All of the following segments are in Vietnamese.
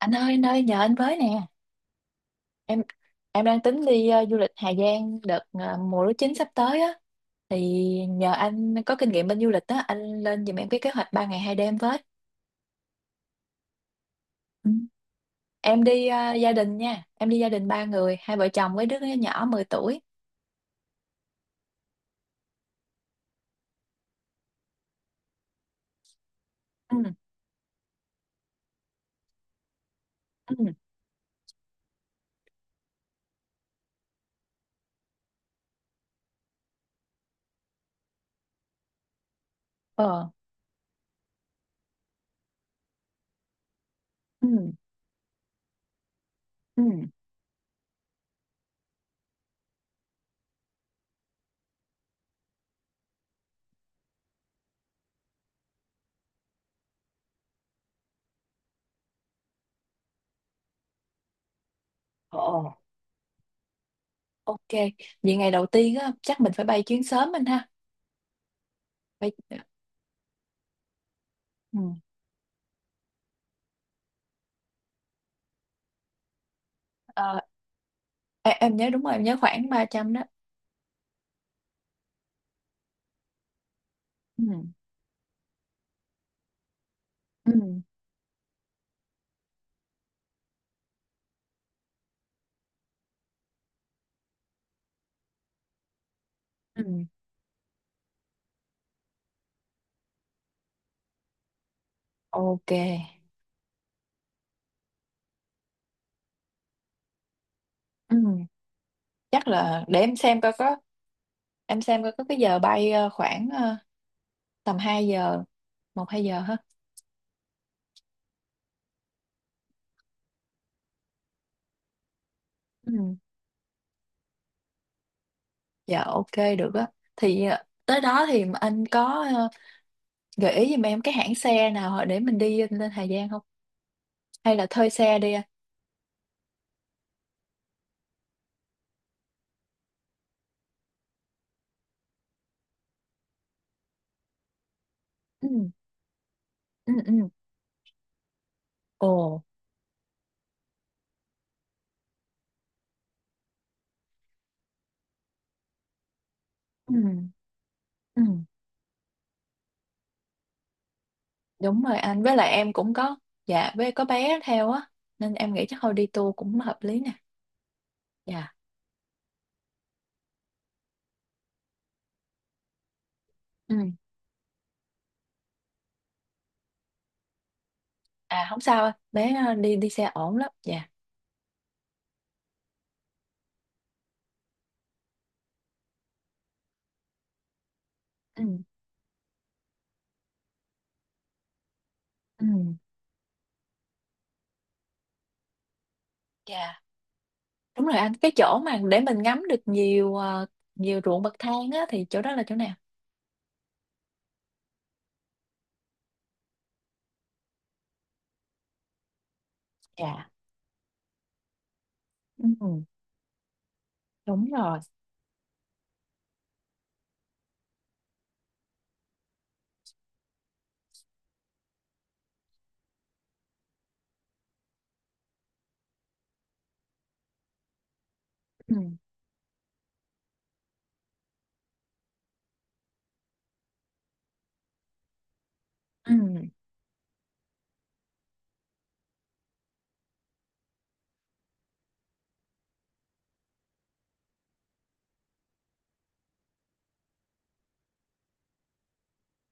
Anh ơi anh ơi, nhờ anh với nè. Em em đang tính đi du lịch Hà Giang đợt mùa lúa chín sắp tới á. Thì nhờ anh có kinh nghiệm bên du lịch á, anh lên giùm em cái kế hoạch 3 ngày 2 đêm với. Ừ. Em đi gia đình nha, em đi gia đình 3 người, hai vợ chồng với đứa nhỏ 10 tuổi. Ừ. Ừ. Ờ. Ừ. Ừ. Ờ. Ok. Vậy ngày đầu tiên á chắc mình phải bay chuyến sớm anh ha. bay ừ. Ờ, em nhớ đúng rồi, em nhớ khoảng 300 đó. Ừ. Ừ. Ừ. Ok. Ừ, chắc là để Em xem coi có cái giờ bay khoảng tầm 2 giờ, 1 2 giờ hả. Ừ. Dạ ok, được á. Thì tới đó thì anh có gợi ý giùm em cái hãng xe nào để mình đi lên Hà Giang không, hay là thuê xe đi anh? Ừ. Ừ. Ừ. Ồ. Ừ. Ừ. Đúng rồi anh, với lại em cũng có. Dạ, với có bé theo á, nên em nghĩ chắc thôi đi tour cũng hợp lý nè. Dạ. Ừ. À, không sao anh, bé đi đi xe ổn lắm, dạ. Ừ. Ừ. Dạ. Đúng rồi anh, cái chỗ mà để mình ngắm được nhiều ruộng bậc thang á thì chỗ đó là chỗ nào? Dạ. Ừ, đúng rồi. Ừ. Ừ.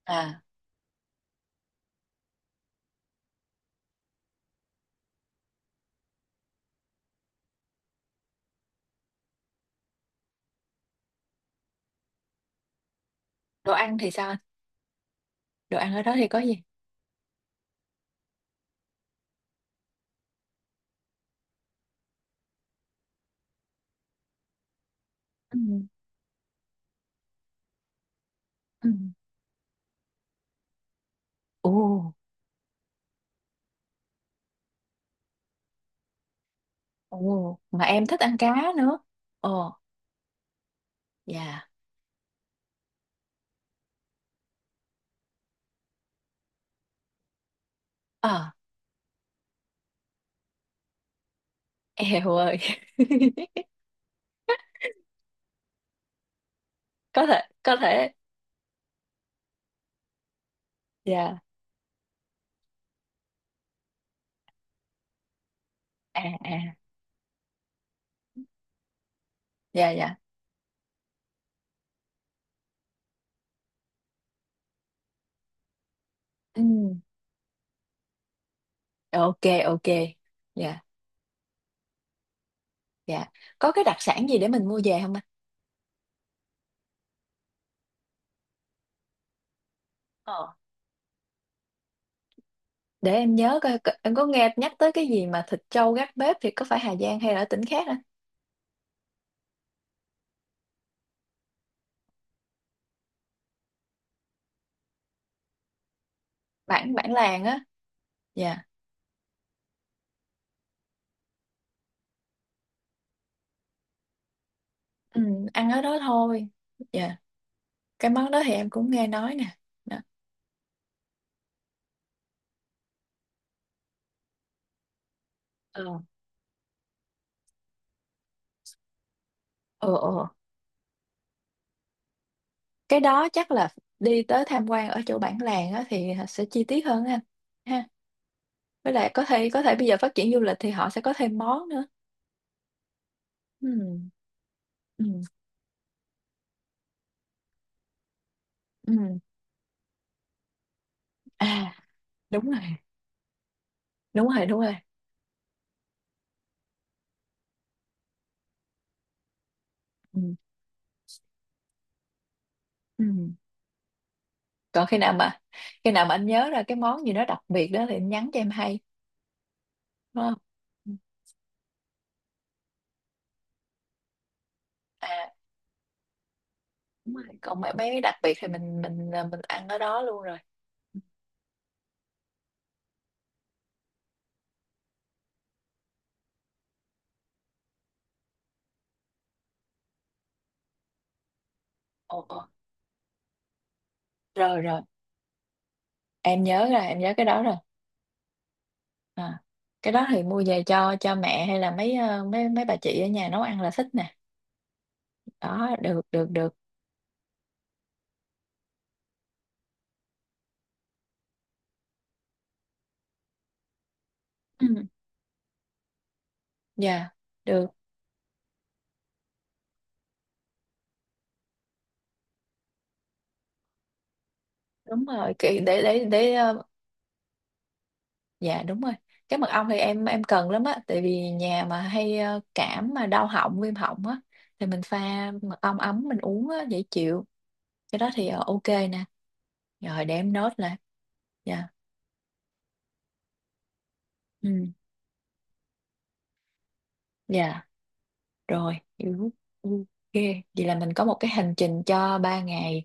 À, đồ ăn thì sao anh? Đồ ăn ở đó thì có gì? Ừ. Ừ. Ồ, ồ, mà em thích ăn cá nữa. Ồ, dạ. Ờ, eo ơi. Có thể, có thể. Dạ. À, à. Dạ, dạ. Ừ. Ok, ok. Dạ, dạ. Có cái đặc sản gì để mình mua về không anh? Ờ, để em nhớ coi coi- em có nghe nhắc tới cái gì mà thịt trâu gác bếp, thì có phải Hà Giang hay là ở tỉnh khác á? Bản bản làng á. Dạ. Ừ, ăn ở đó thôi. Dạ, cái món đó thì em cũng nghe nói nè. Đó. Ờ. Ờ. Ờ. Cái đó chắc là đi tới tham quan ở chỗ bản làng á thì sẽ chi tiết hơn á anh ha. Với lại có thể bây giờ phát triển du lịch thì họ sẽ có thêm món nữa. Ừ. Ừ. Ừ. À, đúng rồi, đúng rồi, đúng rồi. Ừ. Ừ. Còn khi nào mà, anh nhớ ra cái món gì đó đặc biệt đó thì anh nhắn cho em hay. Đúng không? À, đúng rồi, còn mấy mấy cái đặc biệt thì mình ăn ở đó luôn rồi. Ồ, ồ. Rồi, rồi, em nhớ rồi, em nhớ cái đó rồi. À, cái đó thì mua về cho mẹ, hay là mấy ờ, mấy mấy bà chị ở nhà nấu ăn là thích nè. Đó, được, được, được. Ừ. Dạ được, đúng rồi. Để dạ đúng rồi. Cái mật ong thì em cần lắm á, tại vì nhà mà hay cảm mà đau họng, viêm họng á, thì mình pha mật ong ấm mình uống á dễ chịu. Cái đó thì ok nè. Rồi, để em nốt lại. Dạ. Ừ. Dạ. Rồi, hiểu. Ừ, ok, vậy là mình có một cái hành trình cho 3 ngày.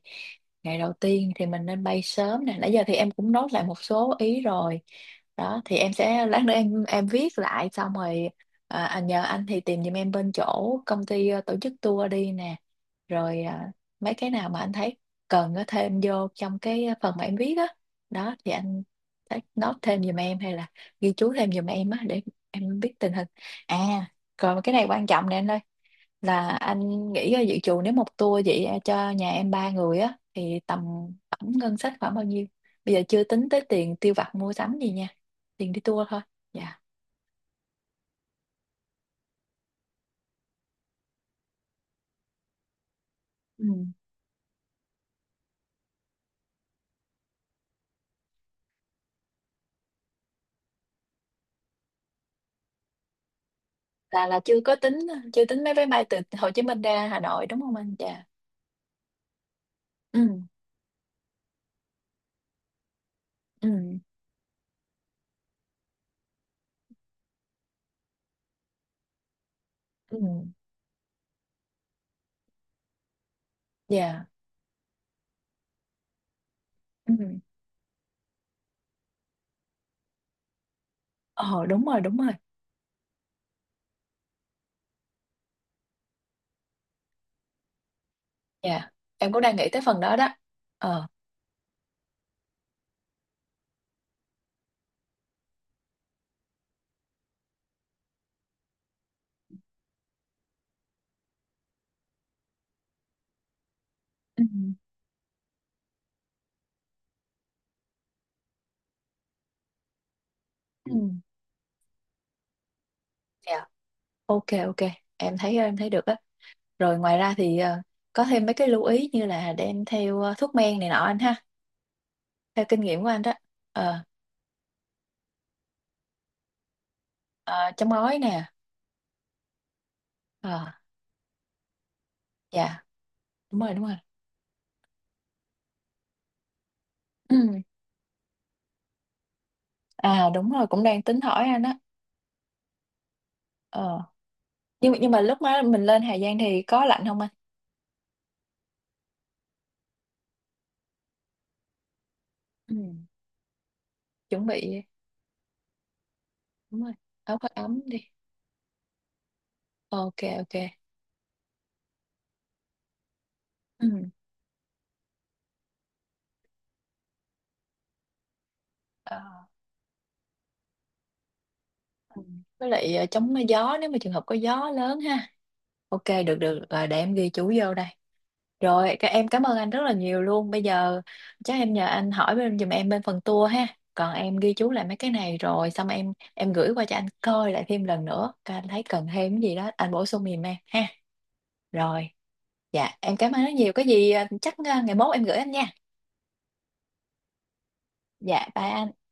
Ngày đầu tiên thì mình nên bay sớm nè, nãy giờ thì em cũng nốt lại một số ý rồi. Đó, thì em sẽ lát nữa em viết lại xong rồi. À, anh, nhờ anh thì tìm giùm em bên chỗ công ty tổ chức tour đi nè. Rồi à, mấy cái nào mà anh thấy cần có thêm vô trong cái phần mà em viết á. Đó, thì anh thấy note thêm giùm em, hay là ghi chú thêm giùm em á, để em biết tình hình. À, còn cái này quan trọng nè anh ơi, là anh nghĩ ra dự trù nếu một tour vậy cho nhà em 3 người á thì tầm tổng ngân sách khoảng bao nhiêu? Bây giờ chưa tính tới tiền tiêu vặt mua sắm gì nha, tiền đi tour thôi. Dạ. Ừ. Là chưa có tính, chưa tính mấy vé bay từ Hồ Chí Minh ra Hà Nội đúng không anh, dạ? Ừ. Ừ. Ừ. Dạ. Ừ. Ờ đúng rồi, đúng rồi. Dạ. Em cũng đang nghĩ tới phần đó đó. Ờ. Ừ. Ừ. Dạ. Ok, ok. Em thấy được á. Rồi ngoài ra thì có thêm mấy cái lưu ý như là đem theo thuốc men này nọ anh ha. Theo kinh nghiệm của anh đó. Ờ, ờ, châm gói nè. Ờ, dạ. Đúng rồi, đúng rồi. Ừ. À đúng rồi, cũng đang tính hỏi anh á. Ờ. Nhưng mà lúc mà mình lên Hà Giang thì có lạnh không anh? Ừ. Chuẩn bị, đúng rồi. Áo khoác ấm đi. Ok, ok. Ừ. Ờ. Ừ, với lại chống gió nếu mà trường hợp có gió lớn ha. Ok, được, được. Ờ, để em ghi chú vô đây rồi. Các, em cảm ơn anh rất là nhiều luôn. Bây giờ chắc em nhờ anh hỏi bên, giùm em bên phần tour ha. Còn em ghi chú lại mấy cái này rồi xong, em gửi qua cho anh coi lại thêm lần nữa. Coi anh thấy cần thêm cái gì đó anh bổ sung giùm em ha. Rồi. Dạ em cảm ơn rất nhiều, có gì chắc ngày mốt em gửi anh nha. Dạ, bye anh.